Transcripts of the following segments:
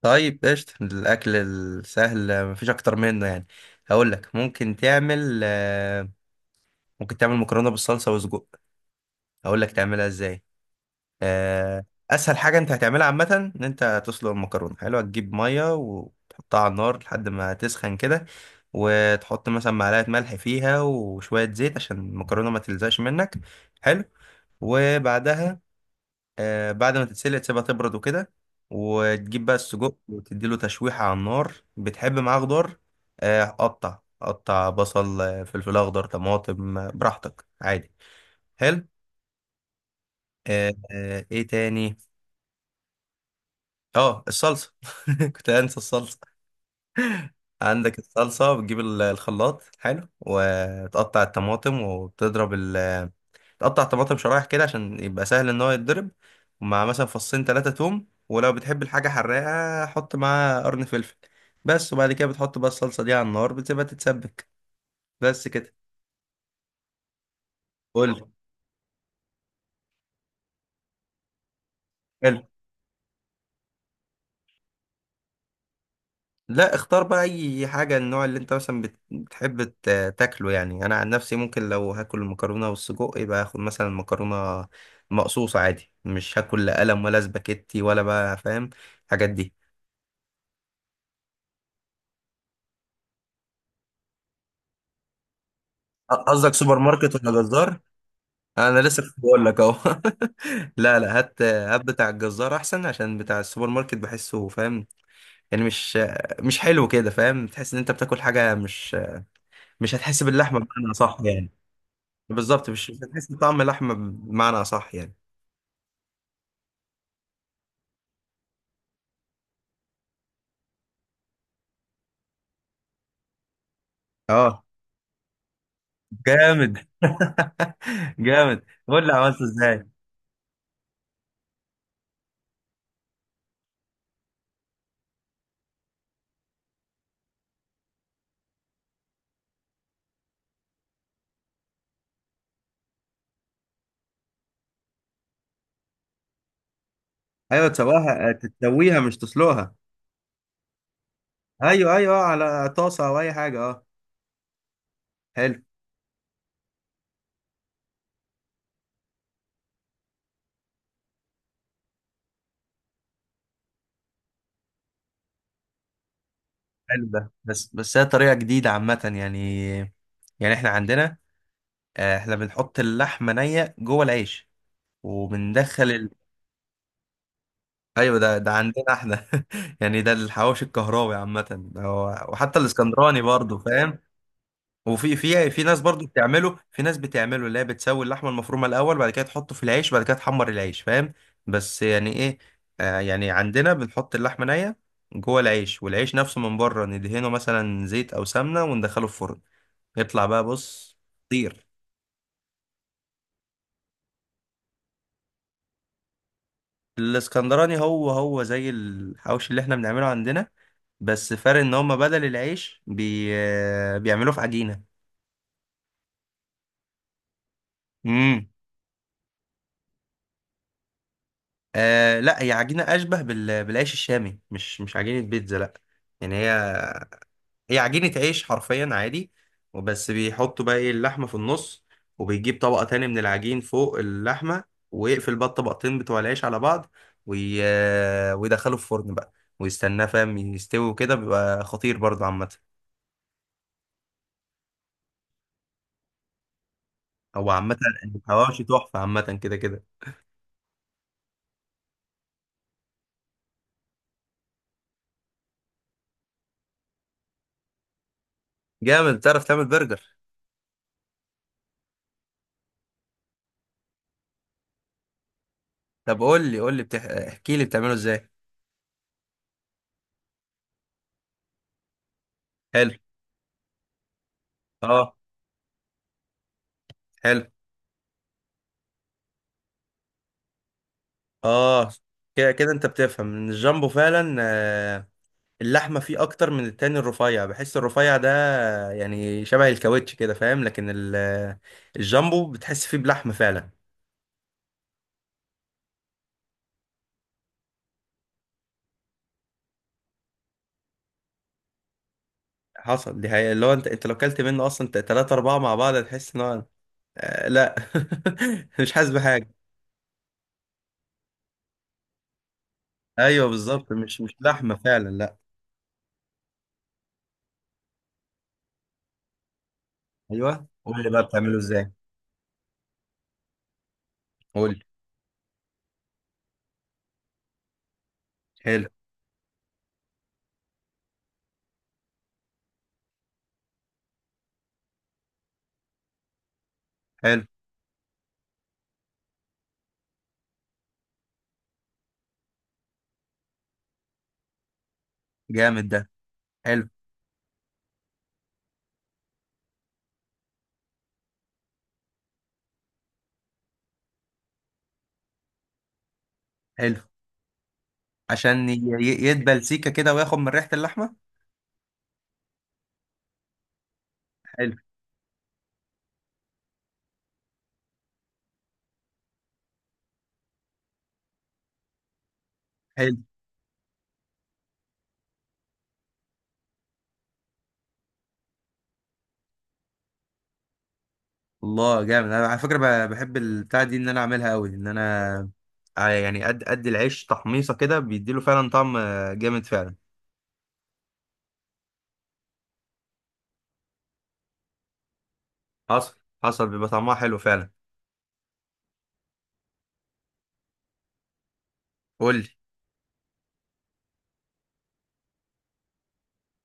طيب، قشطة. الأكل السهل مفيش أكتر منه يعني. هقول لك ممكن تعمل مكرونة بالصلصة وسجق. هقول لك تعملها إزاي آه، أسهل حاجة أنت هتعملها عامة إن أنت تسلق المكرونة. حلو. هتجيب مية وتحطها على النار لحد ما تسخن كده، وتحط مثلا معلقة ملح فيها وشوية زيت عشان المكرونة ما تلزقش منك. حلو. وبعدها بعد ما تتسلق تسيبها تبرد وكده، وتجيب بقى السجق وتديله تشويحة على النار. بتحب معاه خضار؟ قطع قطع بصل، فلفل أخضر، طماطم، براحتك عادي. حلو. إيه تاني؟ اه، الصلصة. كنت هنسى الصلصة. عندك الصلصة بتجيب الخلاط، حلو، وتقطع الطماطم وتضرب. تقطع طماطم شرايح كده عشان يبقى سهل ان هو يتضرب، ومع مثلا فصين ثلاثة توم، ولو بتحب الحاجة حراقة حط معاها قرن فلفل، بس. وبعد كده بتحط بقى الصلصة دي على النار بتسيبها تتسبك، بس كده. قول لي. حلو. لا، اختار بقى اي حاجة، النوع اللي انت مثلا بتحب تاكله. يعني انا عن نفسي ممكن لو هاكل المكرونة والسجق يبقى هاخد مثلا مكرونة مقصوصة عادي، مش هاكل لا قلم ولا سباكيتي ولا بقى، فاهم الحاجات دي. قصدك سوبر ماركت ولا جزار؟ انا لسه كنت بقول لك اهو. لا لا، هات هات بتاع الجزار احسن، عشان بتاع السوبر ماركت بحسه، فاهم يعني، مش حلو كده، فاهم. تحس ان انت بتاكل حاجه مش هتحس باللحمه بمعنى صح يعني. بالظبط، مش هتحس بطعم اللحمه بمعنى صح يعني. اه، جامد. جامد، قول لي عملته ازاي. ايوه، تسويها تسويها مش تسلقها. ايوه ايوه، على طاسه او اي حاجه، اه. حلو. حلو ده، بس بس هي طريقه جديده عامه يعني. يعني احنا عندنا، احنا بنحط اللحمه نيه جوه العيش، وبندخل ايوه، ده عندنا احنا. يعني ده الحواوشي الكهراوي عامه، ده هو- وحتى الاسكندراني برضو، فاهم. وفي في في ناس برضو بتعمله، في ناس بتعمله اللي هي بتسوي اللحمه المفرومه الاول، بعد كده تحطه في العيش، بعد كده تحمر العيش، فاهم. بس يعني ايه، يعني عندنا بنحط اللحمه نيه جوه العيش، والعيش نفسه من بره ندهنه مثلا زيت او سمنه وندخله الفرن، يطلع بقى، بص، طير. الاسكندراني هو هو زي الحواوشي اللي احنا بنعمله عندنا، بس فرق ان هم بدل العيش بيعملوه في عجينه. امم آه لا، هي عجينه اشبه بالعيش الشامي، مش عجينه بيتزا لا. يعني هي، هي عجينه عيش حرفيا عادي. وبس بيحطوا بقى ايه اللحمه في النص، وبيجيب طبقه تاني من العجين فوق اللحمه، ويقفل بقى الطبقتين بتوع العيش على بعض، وي... ويدخله الفرن بقى ويستناه، فاهم، يستوي وكده، بيبقى خطير برضه عامه. هو عامة الحواوشي تحفة، عامة كده كده. جامد، بتعرف تعمل برجر؟ طب قول لي قول لي احكي لي بتعمله ازاي. حلو. اه، حلو. اه، كده كده انت بتفهم ان الجامبو فعلا، اللحمة فيه اكتر من التاني. الرفيع بحس الرفيع ده يعني شبه الكاوتش كده، فاهم. لكن الجامبو بتحس فيه بلحمة فعلا. حصل، دي حقيقة. اللي هو انت، انت لو كلت منه اصلا تلاتة اربعة مع بعض هتحس ان هو، لا، مش حاسس بحاجة. ايوه بالظبط، مش لحمة فعلا. ايوه قول لي بقى بتعمله ازاي. قول لي. حلو. حلو، جامد ده. حلو. حلو. عشان يدبل سيكه كده وياخد من ريحه اللحمه. حلو. حلو. الله، جامد. انا على فكره بحب البتاع دي ان انا اعملها قوي، ان انا، يعني قد قد العيش تحميصه كده بيديله فعلا طعم، جامد فعلا. حصل حصل، بيبقى طعمها حلو فعلا. قول لي.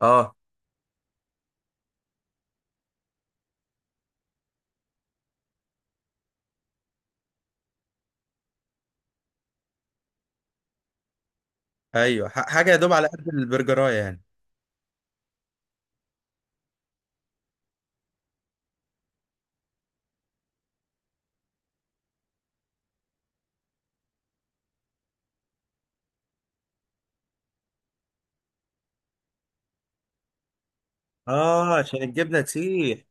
اه. ايوه، حاجه يا دوب على قد البرجرايه يعني. اه، عشان الجبنه تسيح.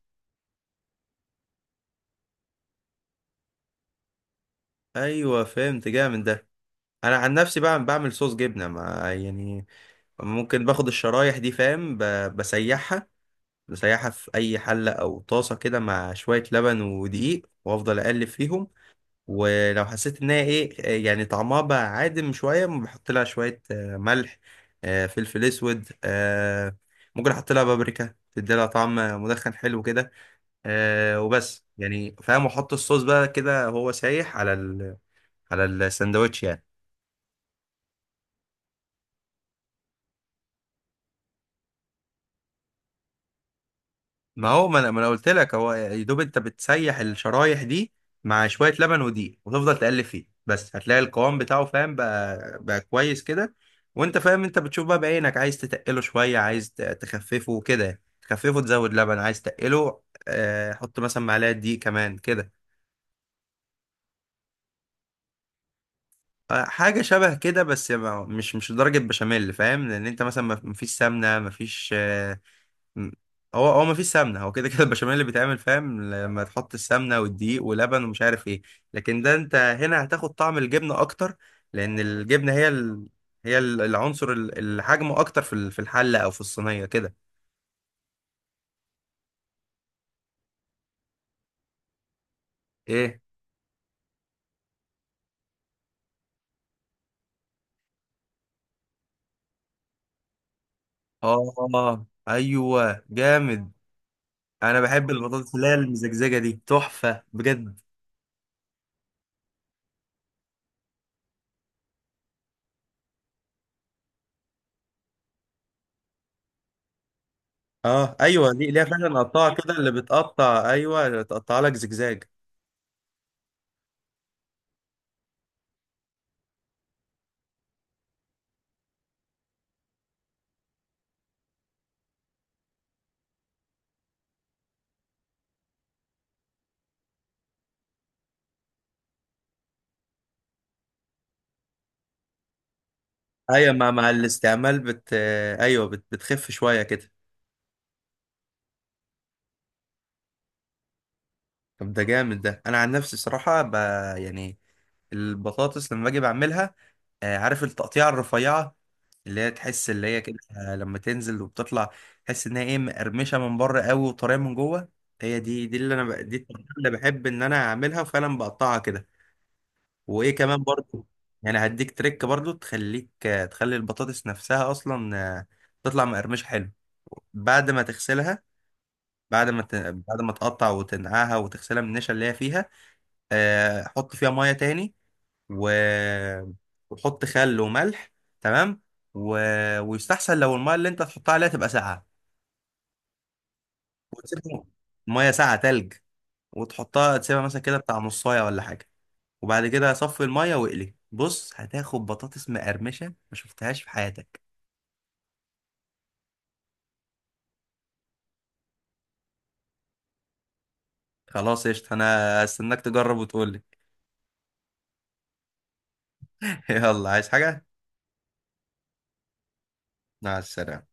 ايوه، فهمت، جامد ده. انا عن نفسي بقى بعمل صوص جبنه، ما يعني، ممكن باخد الشرايح دي، فاهم، بسيحها. بسيحها في اي حله او طاسه كده مع شويه لبن ودقيق وافضل اقلب فيهم. ولو حسيت ان هي ايه يعني طعمها بقى عادم شويه، بحط لها شويه، ملح، فلفل اسود، ممكن احط لها بابريكا تدي لها طعم مدخن، حلو كده، وبس يعني، فاهم، واحط الصوص بقى كده هو سايح على على الساندوتش يعني. ما هو ما انا ما أنا قلت لك هو يا دوب انت بتسيح الشرايح دي مع شويه لبن ودقيق وتفضل تقلب فيه بس، هتلاقي القوام بتاعه، فاهم، بقى كويس كده. وانت فاهم، انت بتشوف بقى بعينك، عايز تتقله شويه، عايز تخففه كده تخففه تزود لبن، عايز تقله، حط مثلا معلقه دقيق كمان كده. حاجه شبه كده، بس مش درجه بشاميل، فاهم، لان انت مثلا ما فيش سمنه، ما فيش، مم. هو هو مفيش سمنه، هو كده كده البشاميل اللي بيتعمل، فاهم، لما تحط السمنه والدقيق ولبن ومش عارف ايه. لكن ده انت هنا هتاخد طعم الجبنه اكتر، لان الجبنه هي هي العنصر، الحجم اكتر في في الحله او في الصينيه كده. ايه؟ اه ايوه، جامد. انا بحب البطاطس اللي هي المزجزجه دي، تحفه بجد. اه ايوه، دي ليها فعلا قطاعه كده اللي بتقطع. ايوه، تقطع لك زجزاج. ايوه، مع مع الاستعمال بت آه، ايوه بتخف شويه كده. طب ده جامد ده، انا عن نفسي صراحه يعني البطاطس لما باجي بعملها، عارف التقطيعه الرفيعه اللي هي تحس اللي هي كده، لما تنزل وبتطلع تحس انها ايه، مقرمشه من بره قوي وطريه من جوه. هي دي، اللي انا دي التقطيعة اللي بحب ان انا اعملها، وفعلا بقطعها كده. وايه كمان برضو، يعني هديك تريك برضو، تخليك، تخلي البطاطس نفسها اصلا، تطلع مقرمشه حلو. بعد ما تغسلها، بعد ما بعد ما تقطع وتنقعها وتغسلها من النشا اللي هي فيها، حط فيها ميه تاني، و... وحط خل وملح، تمام. و... ويستحسن لو الميه اللي انت تحطها عليها تبقى ساقعه. وتسيبها، الميه ساقعه تلج، وتحطها تسيبها مثلا كده بتاع نصايه ولا حاجه. وبعد كده صفي الميه واقلي. بص، هتاخد بطاطس مقرمشه ما شفتهاش في حياتك. خلاص، قشطة. انا استناك تجرب وتقول لي. يلا، عايز حاجه؟ مع السلامه.